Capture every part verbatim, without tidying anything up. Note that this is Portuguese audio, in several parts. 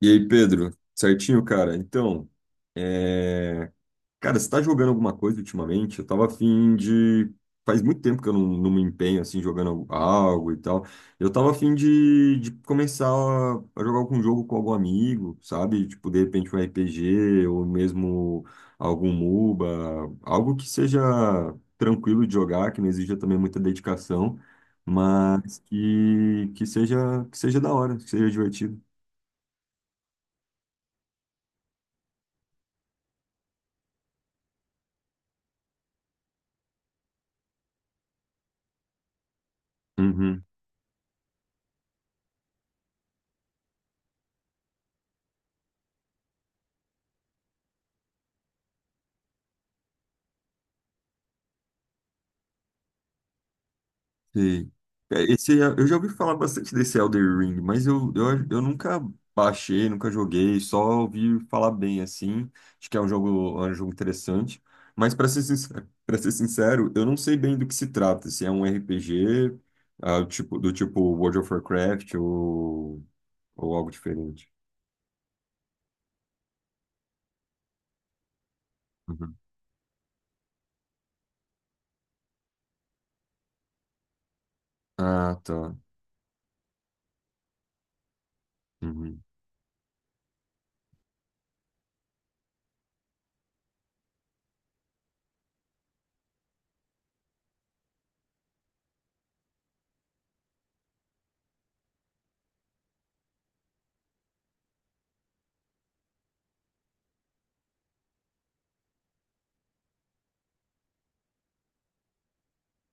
E aí, Pedro? Certinho, cara? Então, é, cara, você tá jogando alguma coisa ultimamente? Eu tava afim de. Faz muito tempo que eu não, não me empenho assim, jogando algo e tal. Eu tava afim de, de começar a jogar algum jogo com algum amigo, sabe? Tipo, de repente um R P G ou mesmo algum MOBA, algo que seja tranquilo de jogar, que não exija também muita dedicação, mas que, que seja, que seja da hora, que seja divertido. Uhum. Sim. É, esse, eu já ouvi falar bastante desse Elder Ring, mas eu, eu, eu nunca baixei, nunca joguei, só ouvi falar bem assim. Acho que é um jogo, é um jogo interessante. Mas para ser sincero, para ser sincero, eu não sei bem do que se trata. Se é um R P G, ah, tipo, do tipo World of Warcraft ou, ou algo diferente. Uhum. Ah, tá. Uhum.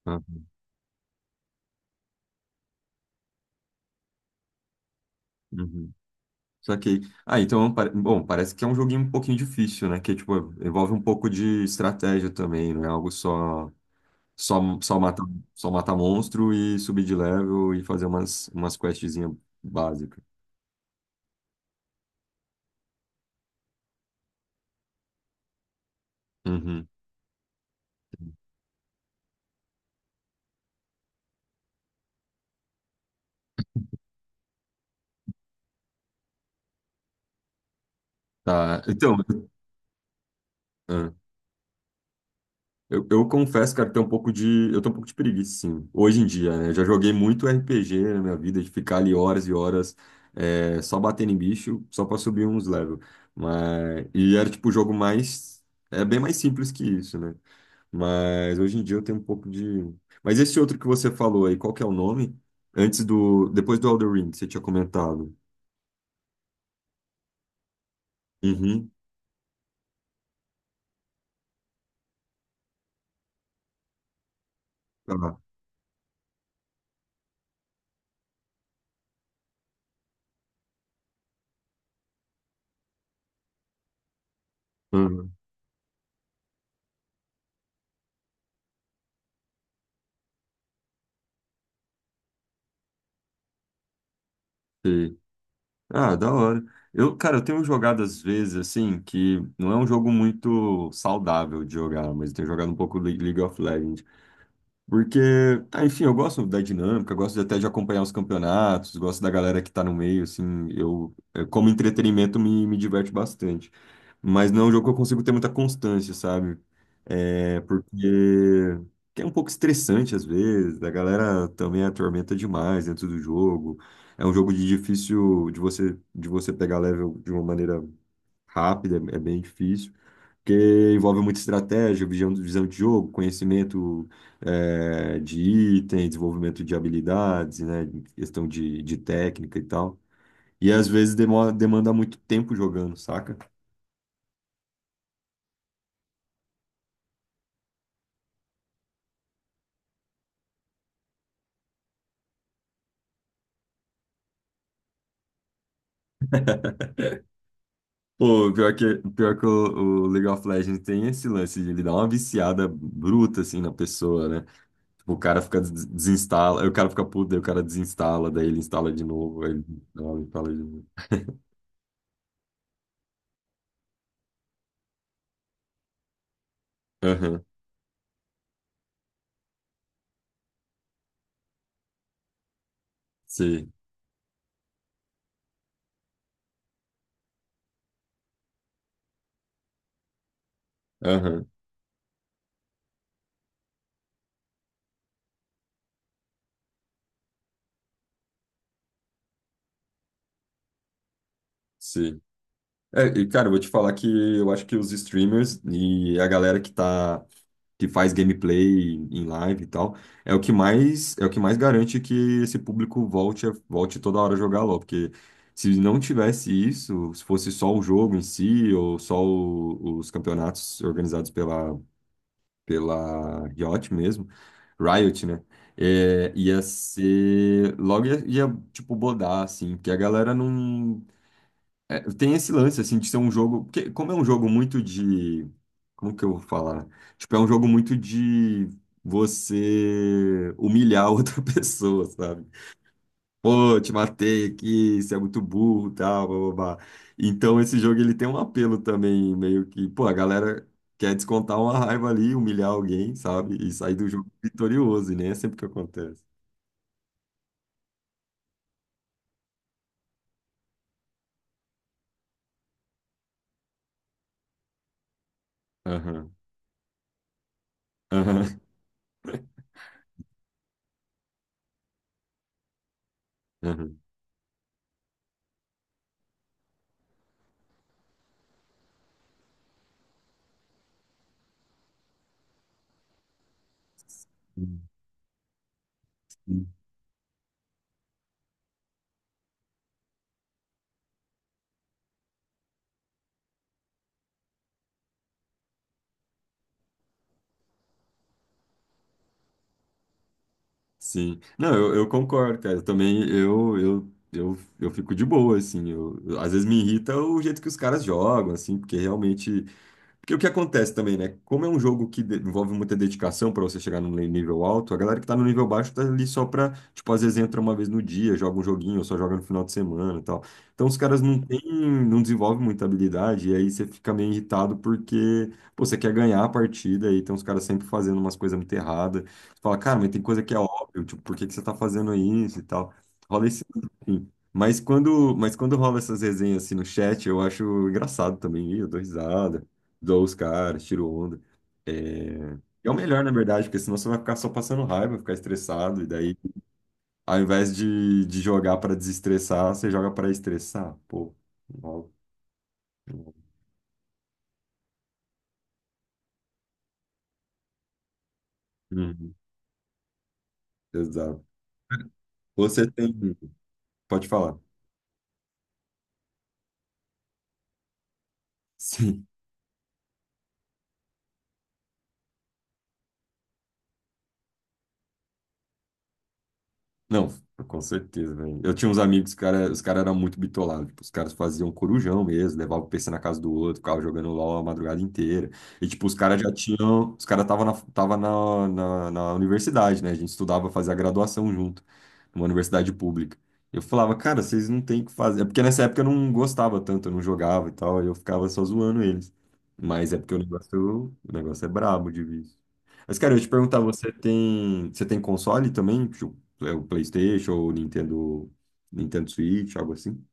Ah, uhum. Saquei. Ah, então, pare- bom, parece que é um joguinho um pouquinho difícil, né? Que, tipo, envolve um pouco de estratégia também, não é algo só, só, só matar, só matar monstro e subir de level e fazer umas, umas questzinhas básicas. Uhum. Tá, então... Eu, eu confesso, cara, que tem um pouco de, eu tenho um pouco de preguiça, sim. Hoje em dia, né? Eu já joguei muito R P G na minha vida, de ficar ali horas e horas é, só batendo em bicho, só pra subir uns level. Mas, e era tipo o jogo mais, é bem mais simples que isso, né? Mas hoje em dia eu tenho um pouco de... Mas esse outro que você falou aí, qual que é o nome? Antes do, depois do Elden Ring, que você tinha comentado. Uhum, tá. Uhum. Ah, da hora. Eu, cara, eu tenho jogado às vezes, assim, que não é um jogo muito saudável de jogar, mas eu tenho jogado um pouco Le- League of Legends. Porque, ah, enfim, eu gosto da dinâmica, gosto de- até de acompanhar os campeonatos, gosto da galera que tá no meio, assim, eu, eh, como entretenimento, me, me diverte bastante. Mas não é um jogo que eu consigo ter muita constância, sabe? É porque que é um pouco estressante às vezes, a galera também atormenta demais dentro do jogo. É um jogo de difícil de você de você pegar level de uma maneira rápida, é bem difícil, porque envolve muita estratégia, visão, visão de jogo, conhecimento é, de item, desenvolvimento de habilidades, né? Questão de, de técnica e tal. E às vezes demora, demanda muito tempo jogando, saca? Pô, pior que, pior que o, o League of Legends tem esse lance de ele dar uma viciada bruta, assim, na pessoa, né? Tipo, o cara fica, des- desinstala, aí o cara fica puto, daí o cara desinstala, daí ele instala de novo, aí ele instala, instala, de novo. Aham, sim, aham, sim. É, e, cara, eu vou te falar que eu acho que os streamers e a galera que tá, que faz gameplay em live e tal, é o que mais, é o que mais garante que esse público volte, a- volte toda hora a jogar LoL, porque se não tivesse isso, se fosse só o jogo em si ou só o- os campeonatos organizados pela pela Riot mesmo, Riot, né? É, ia ser, logo ia, ia, tipo, bodar, assim, porque a galera não, é, tem esse lance, assim, de ser um jogo. Porque, como é um jogo muito de. Como que eu vou falar? Né? Tipo, é um jogo muito de você humilhar outra pessoa, sabe? Pô, te matei aqui, você é muito burro, tal, blá, blá, blá. Então, esse jogo ele tem um apelo também, meio que. Pô, a galera quer descontar uma raiva ali, humilhar alguém, sabe? E sair do jogo vitorioso, e nem é sempre que acontece. Aham, aham, aham. Sim. Não, eu, eu concordo, cara. Eu também, eu, eu, eu, eu fico de boa, assim. Eu, eu- às vezes me irrita o jeito que os caras jogam, assim, porque realmente porque o que acontece também, né? Como é um jogo que de- envolve muita dedicação para você chegar no le- nível alto, a galera que tá no nível baixo tá ali só pra, tipo, às vezes entra uma vez no dia, joga um joguinho, ou só joga no final de semana e tal. Então os caras não têm, não desenvolvem muita habilidade, e aí você fica meio irritado porque, pô, você quer ganhar a partida, e tem uns caras sempre fazendo umas coisas muito erradas. Você fala, cara, mas tem coisa que é óbvio, tipo, por que que você tá fazendo isso e tal? Rola esse. Enfim. Mas quando, mas quando rola essas resenhas assim no chat, eu acho engraçado também, ih, eu dou risada zoa os caras, tiro onda. É o melhor, na verdade, porque senão você vai ficar só passando raiva, ficar estressado, e daí, ao invés de, de jogar para desestressar, você joga para estressar. Pô, não rola, não rola. Uhum, exato. Você tem. Pode falar. Sim. Não, com certeza, velho. Eu tinha uns amigos, cara, os caras eram muito bitolados. Tipo, os caras faziam corujão mesmo, levavam o P C na casa do outro, ficavam jogando LOL a madrugada inteira. E, tipo, os caras já tinham. Os caras estavam na, tava na, na, na universidade, né? A gente estudava, fazia graduação junto, numa universidade pública. Eu falava, cara, vocês não têm o que fazer. É porque nessa época eu não gostava tanto, eu não jogava e tal, aí eu ficava só zoando eles. Mas é porque o negócio, o negócio é brabo de vício. Mas, cara, eu ia te perguntar, você tem, você tem console também? Tipo, é o PlayStation ou o Nintendo, Nintendo Switch, algo assim?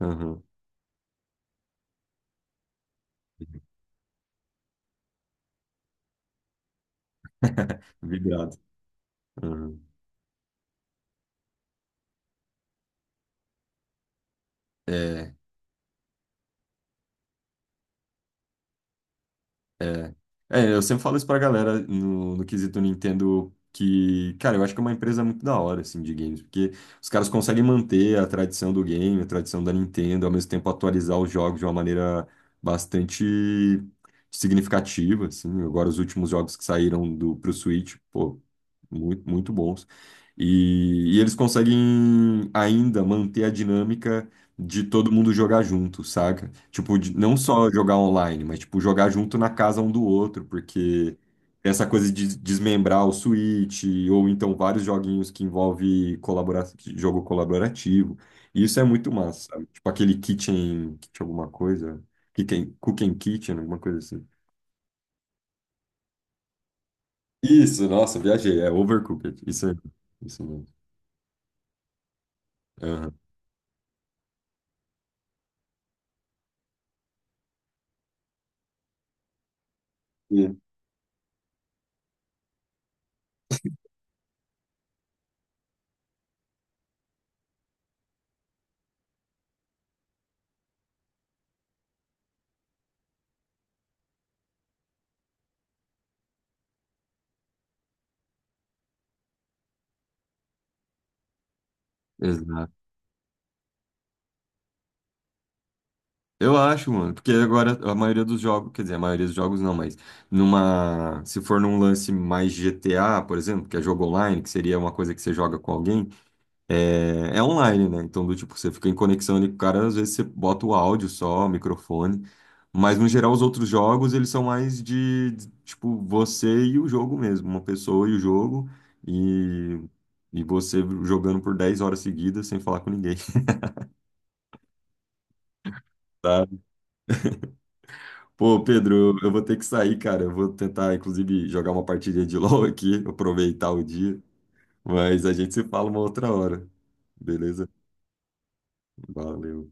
Aham. Vibrado. Aham. É. É. É, eu sempre falo isso pra galera no, no quesito Nintendo, que, cara, eu acho que é uma empresa muito da hora, assim, de games, porque os caras conseguem manter a tradição do game, a tradição da Nintendo, ao mesmo tempo atualizar os jogos de uma maneira bastante significativa, assim. Agora, os últimos jogos que saíram do, pro Switch, pô, muito, muito bons. E, e eles conseguem ainda manter a dinâmica de todo mundo jogar junto, saca? Tipo, de- não só jogar online, mas tipo jogar junto na casa um do outro, porque essa coisa de desmembrar o Switch ou então vários joguinhos que envolve colabora jogo colaborativo. E isso é muito massa, sabe? Tipo aquele Kitchen, Kitchen alguma coisa, Kitchen, Cooking Kitchen, alguma coisa assim. Isso, nossa, viajei, é Overcooked. Isso aí, isso mesmo. Aham. E- Exato. Eu acho, mano, porque agora a maioria dos jogos, quer dizer, a maioria dos jogos não, mas numa, se for num lance mais G T A, por exemplo, que é jogo online, que seria uma coisa que você joga com alguém, é, é online, né? Então, do tipo, você fica em conexão ali com o cara, às vezes você bota o áudio só, o microfone, mas no geral os outros jogos, eles são mais de, de, tipo, você e o jogo mesmo, uma pessoa e o jogo, e, e você jogando por dez horas seguidas sem falar com ninguém. Pô, Pedro, eu vou ter que sair, cara. Eu vou tentar, inclusive, jogar uma partida de LoL aqui, aproveitar o dia. Mas a gente se fala uma outra hora. Beleza? Valeu.